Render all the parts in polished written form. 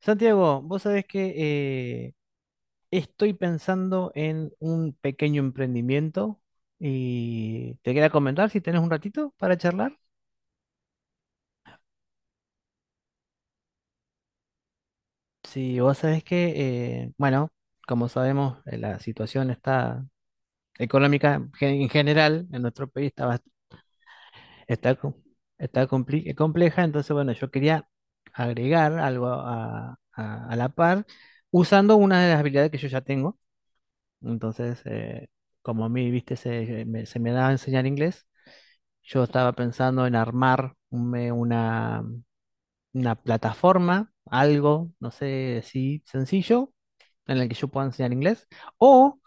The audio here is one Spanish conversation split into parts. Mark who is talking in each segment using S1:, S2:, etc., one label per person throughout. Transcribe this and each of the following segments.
S1: Santiago, vos sabés que estoy pensando en un pequeño emprendimiento y te quería comentar si tenés un ratito para charlar. Si vos sabés que, bueno, como sabemos, la situación está económica en general en nuestro país está, está, está compleja, entonces, bueno, yo quería agregar algo a, a la par usando una de las habilidades que yo ya tengo. Entonces, como a mí, viste, se me da a enseñar inglés, yo estaba pensando en armar una plataforma, algo, no sé, así sencillo, en la que yo pueda enseñar inglés, o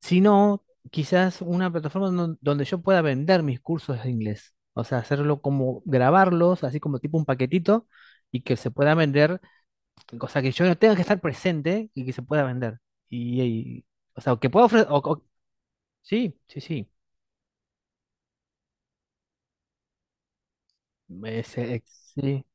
S1: si no, quizás una plataforma donde yo pueda vender mis cursos de inglés, o sea, hacerlo como grabarlos, así como tipo un paquetito, y que se pueda vender, cosa que yo no tenga que estar presente y que se pueda vender. Y, y- o sea, que pueda ofrecer, sí, sí, sí. Es, sí.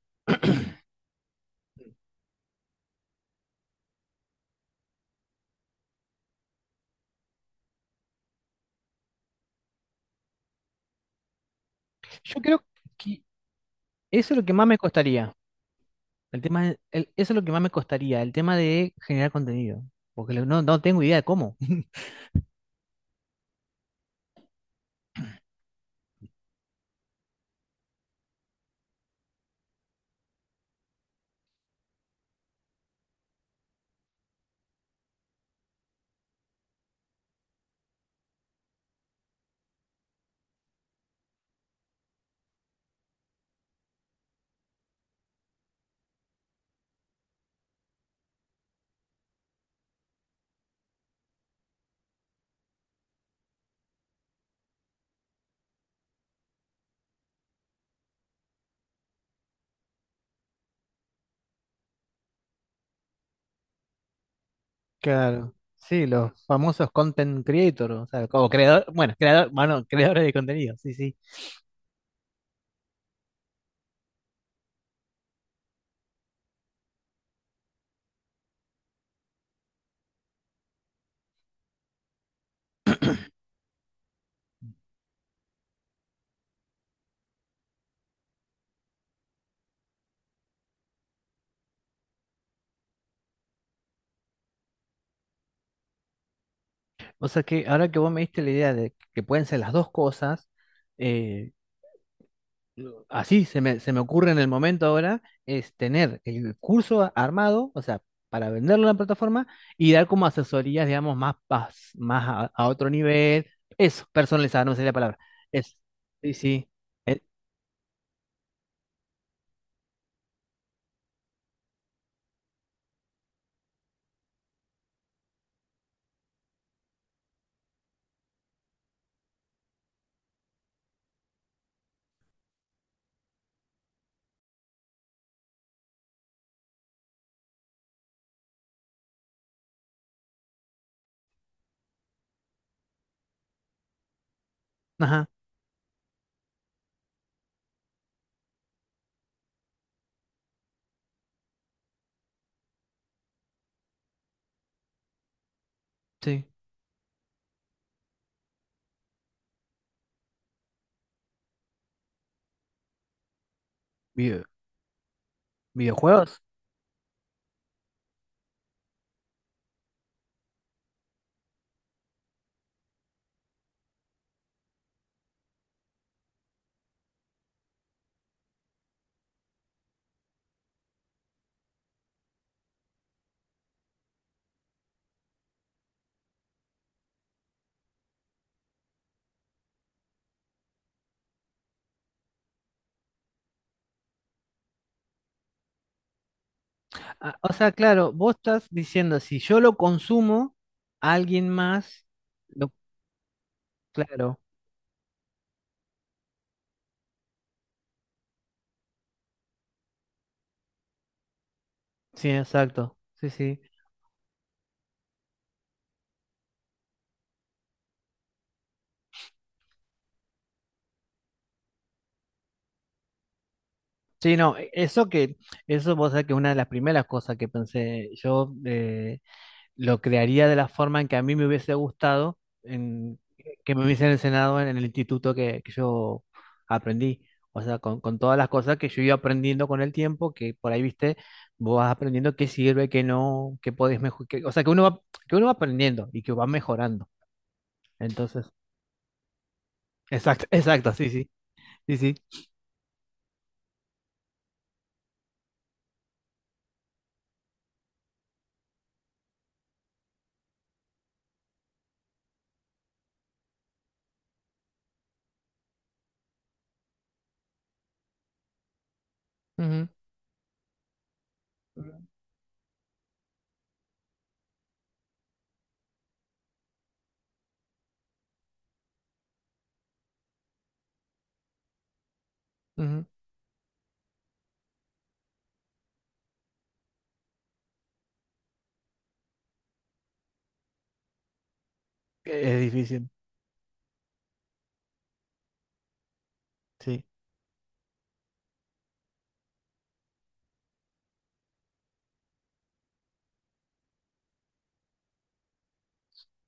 S1: Yo creo que eso es lo que más me costaría. El tema, eso es lo que más me costaría, el tema de generar contenido. Porque no, no tengo idea de cómo. Claro. Sí, los famosos content creator, o sea, como creador, bueno, creadores de contenido, sí, sí. O sea que ahora que vos me diste la idea de que pueden ser las dos cosas, así se me ocurre en el momento ahora, es tener el curso armado, o sea, para venderlo en la plataforma y dar como asesorías, digamos, más, más, a otro nivel. Eso, personalizado, no me salía la palabra. Eso. Sí, sí. Eh, ajá, sí. Video- videojuegos. Ah, o sea, claro, vos estás diciendo, si yo lo consumo, alguien más, lo, claro. Sí, exacto. Sí, sí. Sí, no, e, eso que, eso vos sabés que es una de las primeras cosas que pensé, yo lo crearía de la forma en que a mí me hubiese gustado, en, que me hubiesen enseñado en, el instituto que yo aprendí, o sea, con todas las cosas que yo iba aprendiendo con el tiempo, que por ahí, viste, vos vas aprendiendo qué sirve, qué no, qué podés mejorar, o sea, que uno va aprendiendo y que va mejorando, entonces, exacto, exacto, sí, sí, sí, sí, ujú, ujú. Es difícil, sí,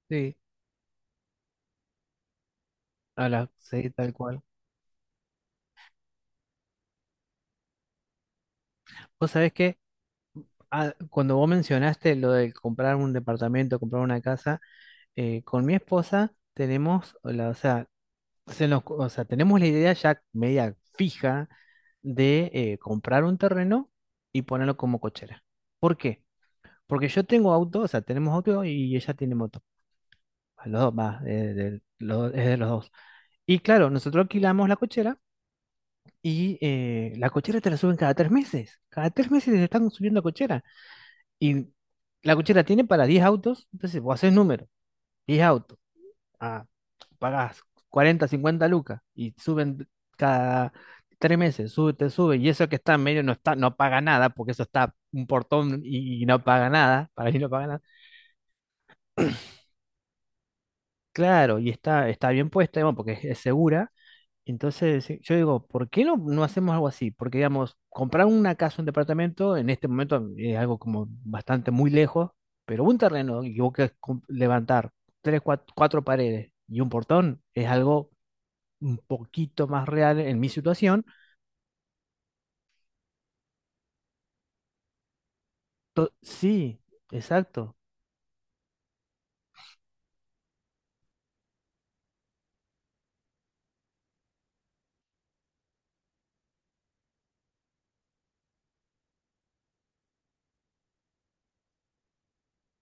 S1: sí. A la, sí, tal cual. Vos sabés que ah, cuando vos mencionaste lo de comprar un departamento, comprar una casa, con mi esposa tenemos, la, o sea, o sea, tenemos la idea ya media fija de comprar un terreno y ponerlo como cochera. ¿Por qué? Porque yo tengo auto, o sea, tenemos auto y ella tiene moto. A los dos, va, de, es de los dos. Y claro, nosotros alquilamos la cochera y la cochera te la suben cada tres meses. Cada tres meses te están subiendo cochera. Y la cochera tiene para 10 autos, entonces vos haces número, 10 autos, ah, pagás 40, 50 lucas y suben cada tres meses, sube, te sube, y eso que está en medio no está, no paga nada, porque eso está un portón y no paga nada, para mí no paga nada. Claro, y está, está bien puesta, bueno, porque es segura. Entonces, sí, yo digo, ¿por qué no, no hacemos algo así? Porque, digamos, comprar una casa, un departamento, en este momento es algo como bastante muy lejos, pero un terreno y vos querés levantar tres, cuatro, paredes y un portón es algo un poquito más real en mi situación. Sí, exacto,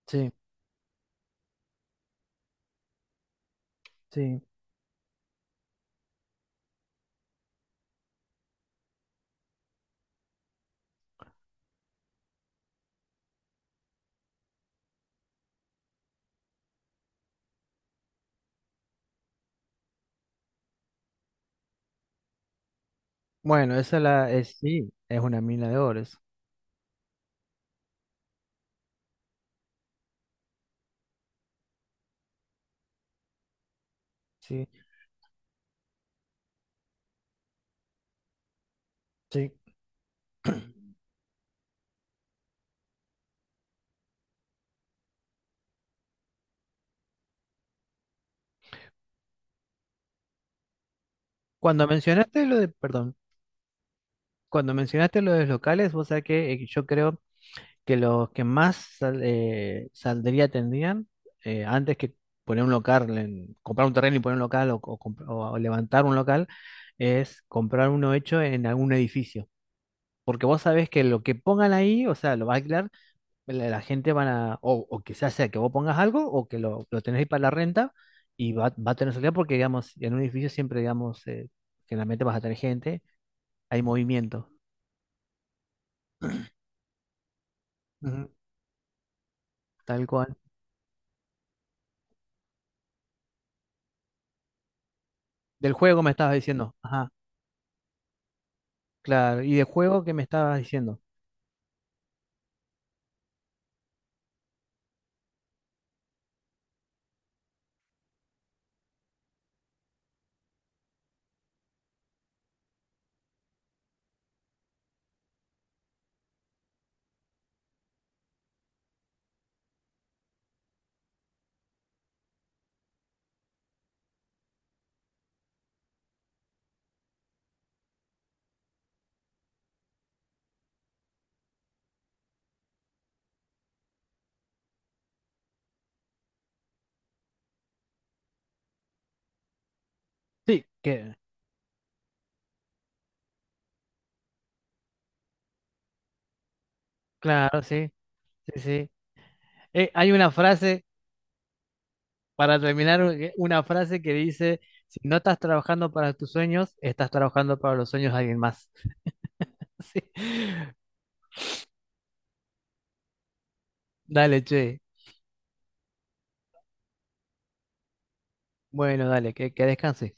S1: sí, sí. Bueno, esa la es, sí, es una mina de oro, eso, sí, sí. Cuando mencionaste lo de, perdón, cuando mencionaste lo de los locales, vos sabés que yo creo que los que más saldría tendrían, antes que poner un local, comprar un terreno y poner un local o o levantar un local, es comprar uno hecho en algún edificio. Porque vos sabés que lo que pongan ahí, o sea, lo va a alquilar, la gente van a, o quizás sea que vos pongas algo o que lo tenés ahí para la renta y va, va a tener salida porque, digamos, en un edificio siempre, digamos, generalmente vas a tener gente, hay movimiento. Ujú. Tal cual. Del juego me estabas diciendo. Ajá. Claro, y de juego que me estabas diciendo. Sí, que, claro, sí, sí, sí. Hay una frase, para terminar, una frase que dice, si no estás trabajando para tus sueños, estás trabajando para los sueños de alguien más. Sí. Dale, che. Bueno, dale, que descanses.